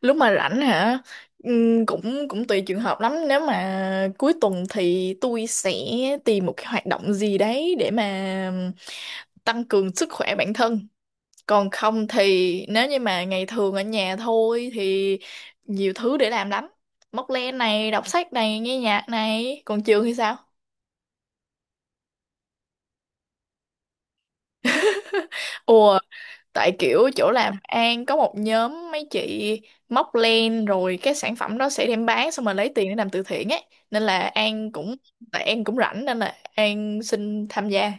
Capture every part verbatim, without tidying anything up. Lúc mà rảnh hả? Ừm, cũng cũng tùy trường hợp lắm, nếu mà cuối tuần thì tôi sẽ tìm một cái hoạt động gì đấy để mà tăng cường sức khỏe bản thân. Còn không thì nếu như mà ngày thường ở nhà thôi thì nhiều thứ để làm lắm, móc len này, đọc sách này, nghe nhạc này. Còn trường thì sao? Ồ, tại kiểu chỗ làm An có một nhóm mấy chị móc len, rồi cái sản phẩm đó sẽ đem bán xong rồi lấy tiền để làm từ thiện ấy, nên là An cũng, tại An cũng rảnh nên là An xin tham gia.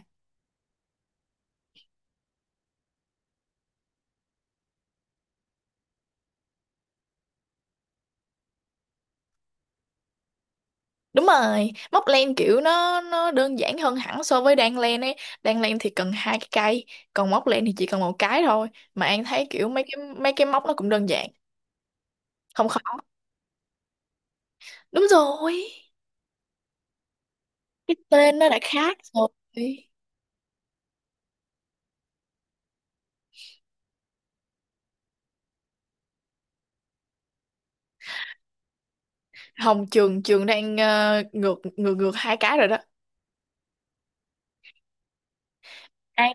Đúng rồi, móc len kiểu nó nó đơn giản hơn hẳn so với đan len ấy. Đan len thì cần hai cái cây, còn móc len thì chỉ cần một cái thôi. Mà An thấy kiểu mấy cái mấy cái móc nó cũng đơn giản, không khó. Đúng rồi, cái tên nó đã khác rồi. Hồng, trường trường đang, ờ, ngược ngược ngược hai cái rồi đó. An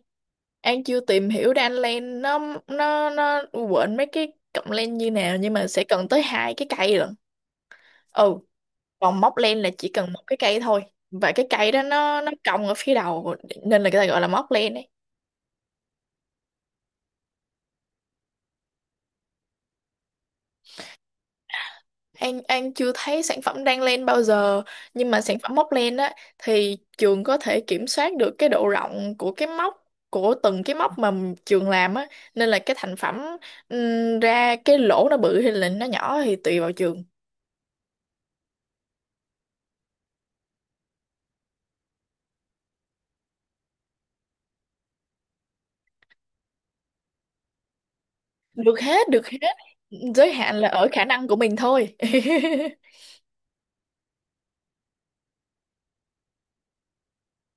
An chưa tìm hiểu ra anh Len, nó nó nó quên mấy cái cọng len như nào, nhưng mà sẽ cần tới hai cái cây lận. Ừ, còn móc len là chỉ cần một cái cây thôi, và cái cây đó nó nó cong ở phía đầu, nên là người ta gọi là móc len ấy. An An chưa thấy sản phẩm đan len bao giờ, nhưng mà sản phẩm móc len á thì trường có thể kiểm soát được cái độ rộng của cái móc, của từng cái móc mà trường làm á, nên là cái thành phẩm, ừm, ra cái lỗ nó bự hay là nó nhỏ thì tùy vào trường. Được hết, được hết. Giới hạn là ở khả năng của mình thôi.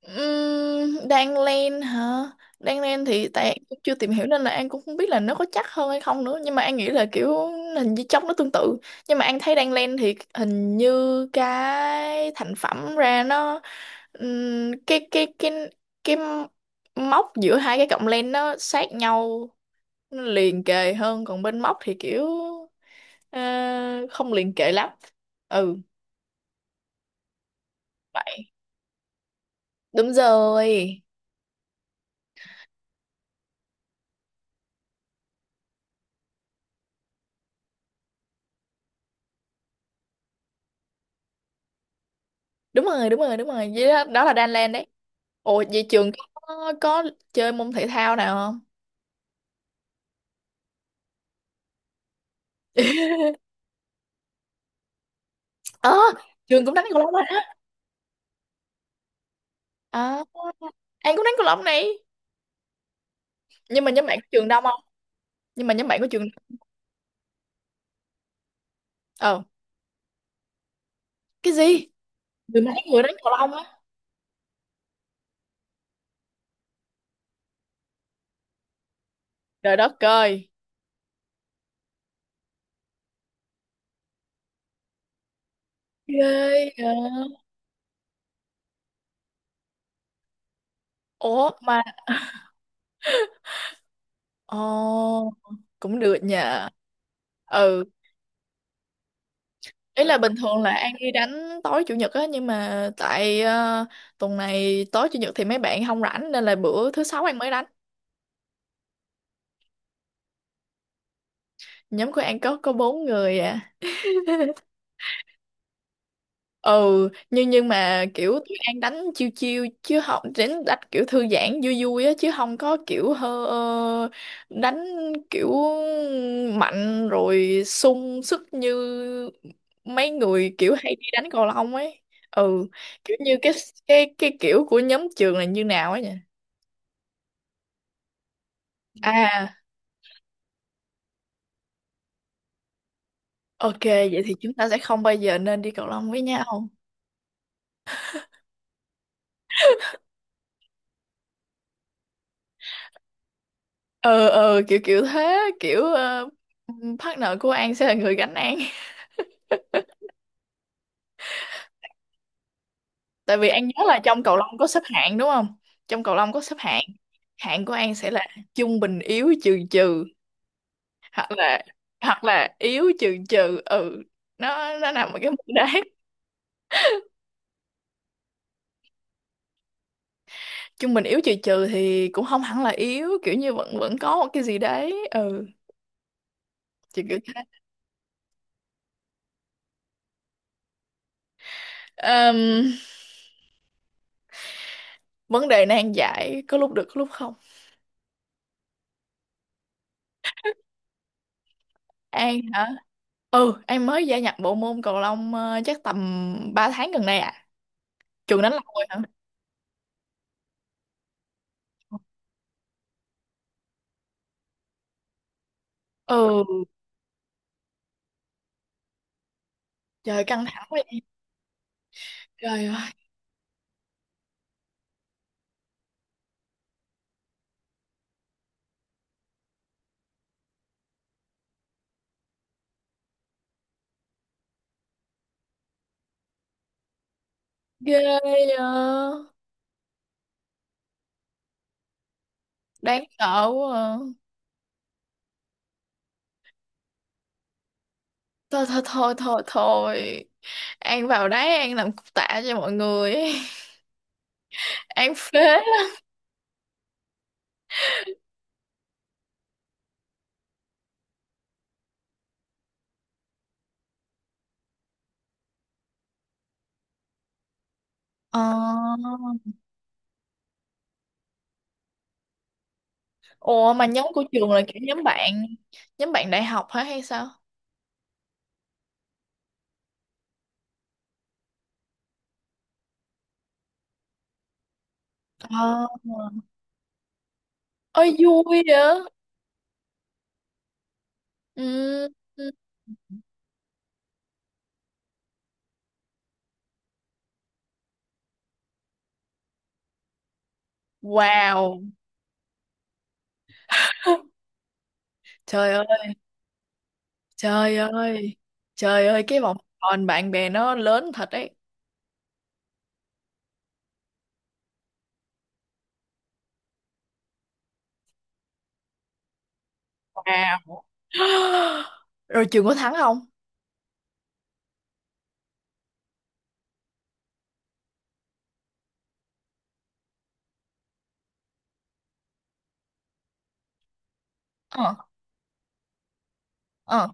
Ừm, đang lên hả? Đang lên thì tại An cũng chưa tìm hiểu nên là An cũng không biết là nó có chắc hơn hay không nữa, nhưng mà An nghĩ là kiểu hình như chốc nó tương tự. Nhưng mà An thấy đang lên thì hình như cái thành phẩm ra nó, ừm, cái cái cái cái móc giữa hai cái cọng len nó sát nhau, nó liền kề hơn, còn bên móc thì kiểu, ờ, không liền kề lắm. Ừ. Đúng rồi, đúng rồi, đúng rồi, đúng rồi vậy đó, đó là Đan Lan đấy. Ồ, vậy trường có có chơi môn thể thao nào không? ờ Trường cũng đánh cầu lông rồi đó. À, An cũng đánh cầu lông này. Nhưng mà nhóm bạn có trường đông không? Nhưng mà nhóm bạn có trường đông. ờ cái gì? Mười mấy người đánh cầu lông á? Trời đất ơi. Ghê. À. Ủa mà. Ồ, cũng được nhờ. Ừ. Ý là bình thường là An đi đánh tối chủ nhật á, nhưng mà tại, ờ, tuần này tối chủ nhật thì mấy bạn không rảnh nên là bữa thứ sáu An mới đánh. Nhóm của An có có bốn người à. Ừ, nhưng nhưng mà kiểu tụi An đánh chiêu chiêu, chứ không đánh đánh kiểu thư giãn vui vui á, chứ không có kiểu hơ ờ, đánh kiểu mạnh rồi sung sức như mấy người kiểu hay đi đánh cầu lông ấy. Ừ, kiểu như cái cái cái kiểu của nhóm trường là như nào ấy nhỉ? À, ok, vậy thì chúng ta sẽ không bao giờ nên đi cầu lông với nhau. Ờ, ờ, kiểu kiểu thế, kiểu, ờ, partner của An sẽ là người gánh An. Tại vì An nhớ là trong cầu lông có xếp hạng đúng không? Trong cầu lông có xếp hạng, hạng của An sẽ là trung bình yếu trừ trừ, hoặc là hoặc là yếu trừ trừ, ừ, nó nó nằm ở cái mức đấy. Trung bình yếu trừ trừ thì cũng không hẳn là yếu, kiểu như vẫn vẫn có một cái gì đấy, ừ, kiểu kiểu thế. Vấn đề nan giải, có lúc được có lúc không. An hả? Ừ, An mới gia nhập bộ môn cầu lông, ờ, chắc tầm ba tháng gần đây à. Trường đánh lâu rồi hả? Ừ, trời căng thẳng quá vậy. Trời ơi, ghê. ờ, Đáng sợ quá à. Thôi thôi thôi thôi thôi, An vào đấy An làm cục tạ cho mọi người. An phế lắm. ờ Ủa mà nhóm của trường là kiểu nhóm bạn, nhóm bạn đại học hả hay sao? ờ Ơi vui vậy. Ừ. Ừ. Wow. Trời ơi, trời ơi. Trời ơi, cái vòng tròn bạn bè nó lớn thật đấy. Wow. Rồi trường có thắng không? Ờ, ờ.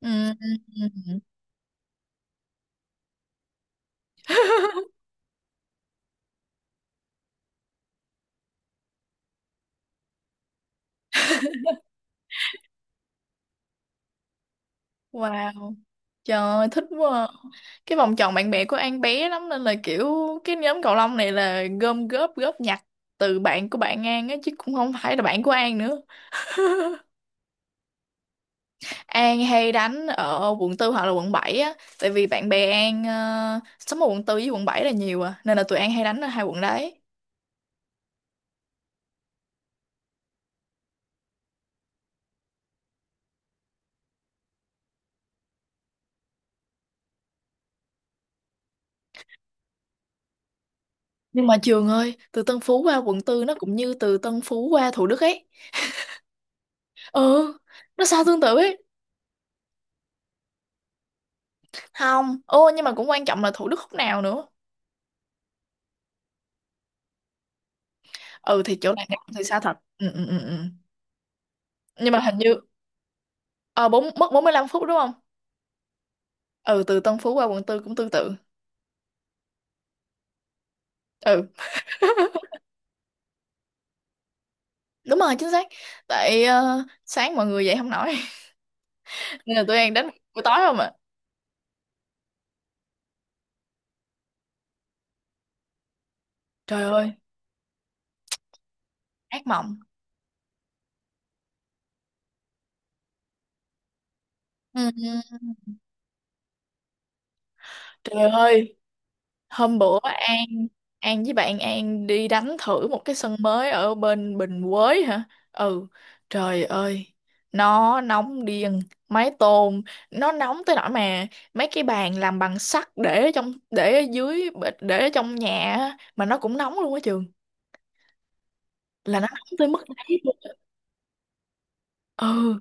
Ừ. Ừ, ừ. Ừ. Wow. Trời ơi, thích quá. À. Cái vòng tròn bạn bè của An bé lắm nên là kiểu cái nhóm cầu lông này là gom góp góp nhặt từ bạn của bạn An á, chứ cũng không phải là bạn của An nữa. An hay đánh ở quận tư hoặc là quận bảy á, tại vì bạn bè An, ờ, sống ở quận tư với quận bảy là nhiều à, nên là tụi An hay đánh ở hai quận đấy. Nhưng mà trường ơi, từ Tân Phú qua quận tư nó cũng như từ Tân Phú qua Thủ Đức ấy. Ừ, nó sao tương tự ấy. Không ô, nhưng mà cũng quan trọng là Thủ Đức khúc nào nữa. Ừ, thì chỗ này thì xa thật. Ừ, ừ, ừ. Ừ. Nhưng mà hình như, ờ bốn mất bốn mươi lăm phút đúng không? Ừ, từ Tân Phú qua quận tư cũng tương tự. Ừ, đúng rồi, chính xác. Tại, ờ, sáng mọi người dậy không nổi. Nên là tụi An đánh buổi tối không ạ. Trời ơi, ác mộng. Ừ. Trời ơi, hôm bữa An An với bạn An đi đánh thử một cái sân mới ở bên Bình Quới hả? Ừ, trời ơi, nó nóng điên, mái tôn nó nóng tới nỗi mà mấy cái bàn làm bằng sắt để ở trong, để ở dưới, để ở trong nhà á, mà nó cũng nóng luôn á trường. Là nó nóng tới mức đấy luôn. Ừ,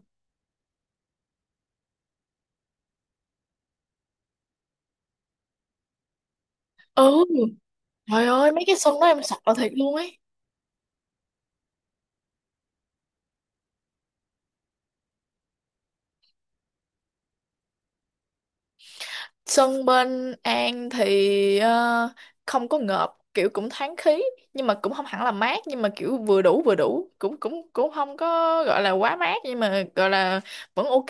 ừ, trời ơi, mấy cái sân đó em sợ thiệt luôn ấy. Sân bên An thì, ờ, không có ngợp, kiểu cũng thoáng khí, nhưng mà cũng không hẳn là mát, nhưng mà kiểu vừa đủ, vừa đủ, cũng cũng cũng không có gọi là quá mát, nhưng mà gọi là vẫn ok,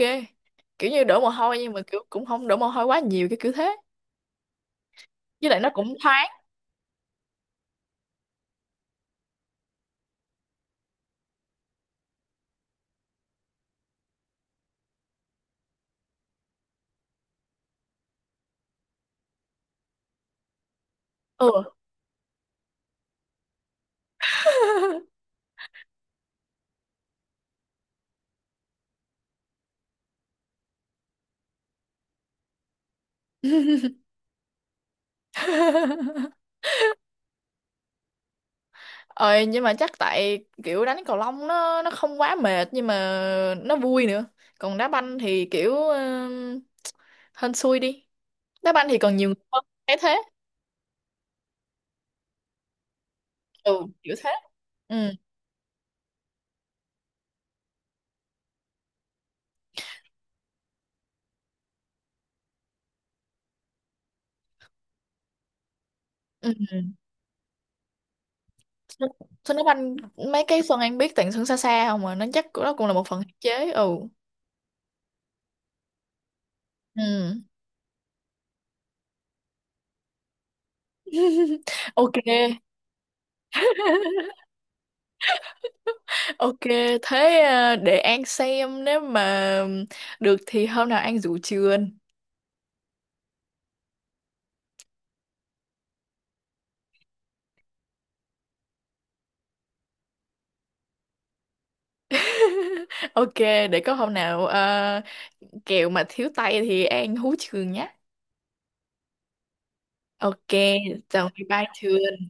kiểu như đổ mồ hôi nhưng mà kiểu cũng không đổ mồ hôi quá nhiều, cái kiểu thế, với lại nó cũng thoáng. Ừ. ờ nhưng mà chắc tại kiểu đánh cầu lông nó nó không quá mệt, nhưng mà nó vui nữa. Còn đá banh thì kiểu, uh, hên xui đi. Đá banh thì còn nhiều người hơn, thấy thế. Ừ, kiểu thế. Ừ. Ừ. Xuân Xuân Đức Anh, mấy cái Xuân Anh biết tặng Xuân xa xa không mà nó chắc cũng-, đó cũng là một phần hạn chế. Ừ. Ừ. Ok. Ok, thế à, để An xem nếu mà được thì hôm nào An rủ trường. Ok, để có hôm nào à, kẹo mà thiếu tay thì An hú trường nhé. Ok. Chào, bye bye trường.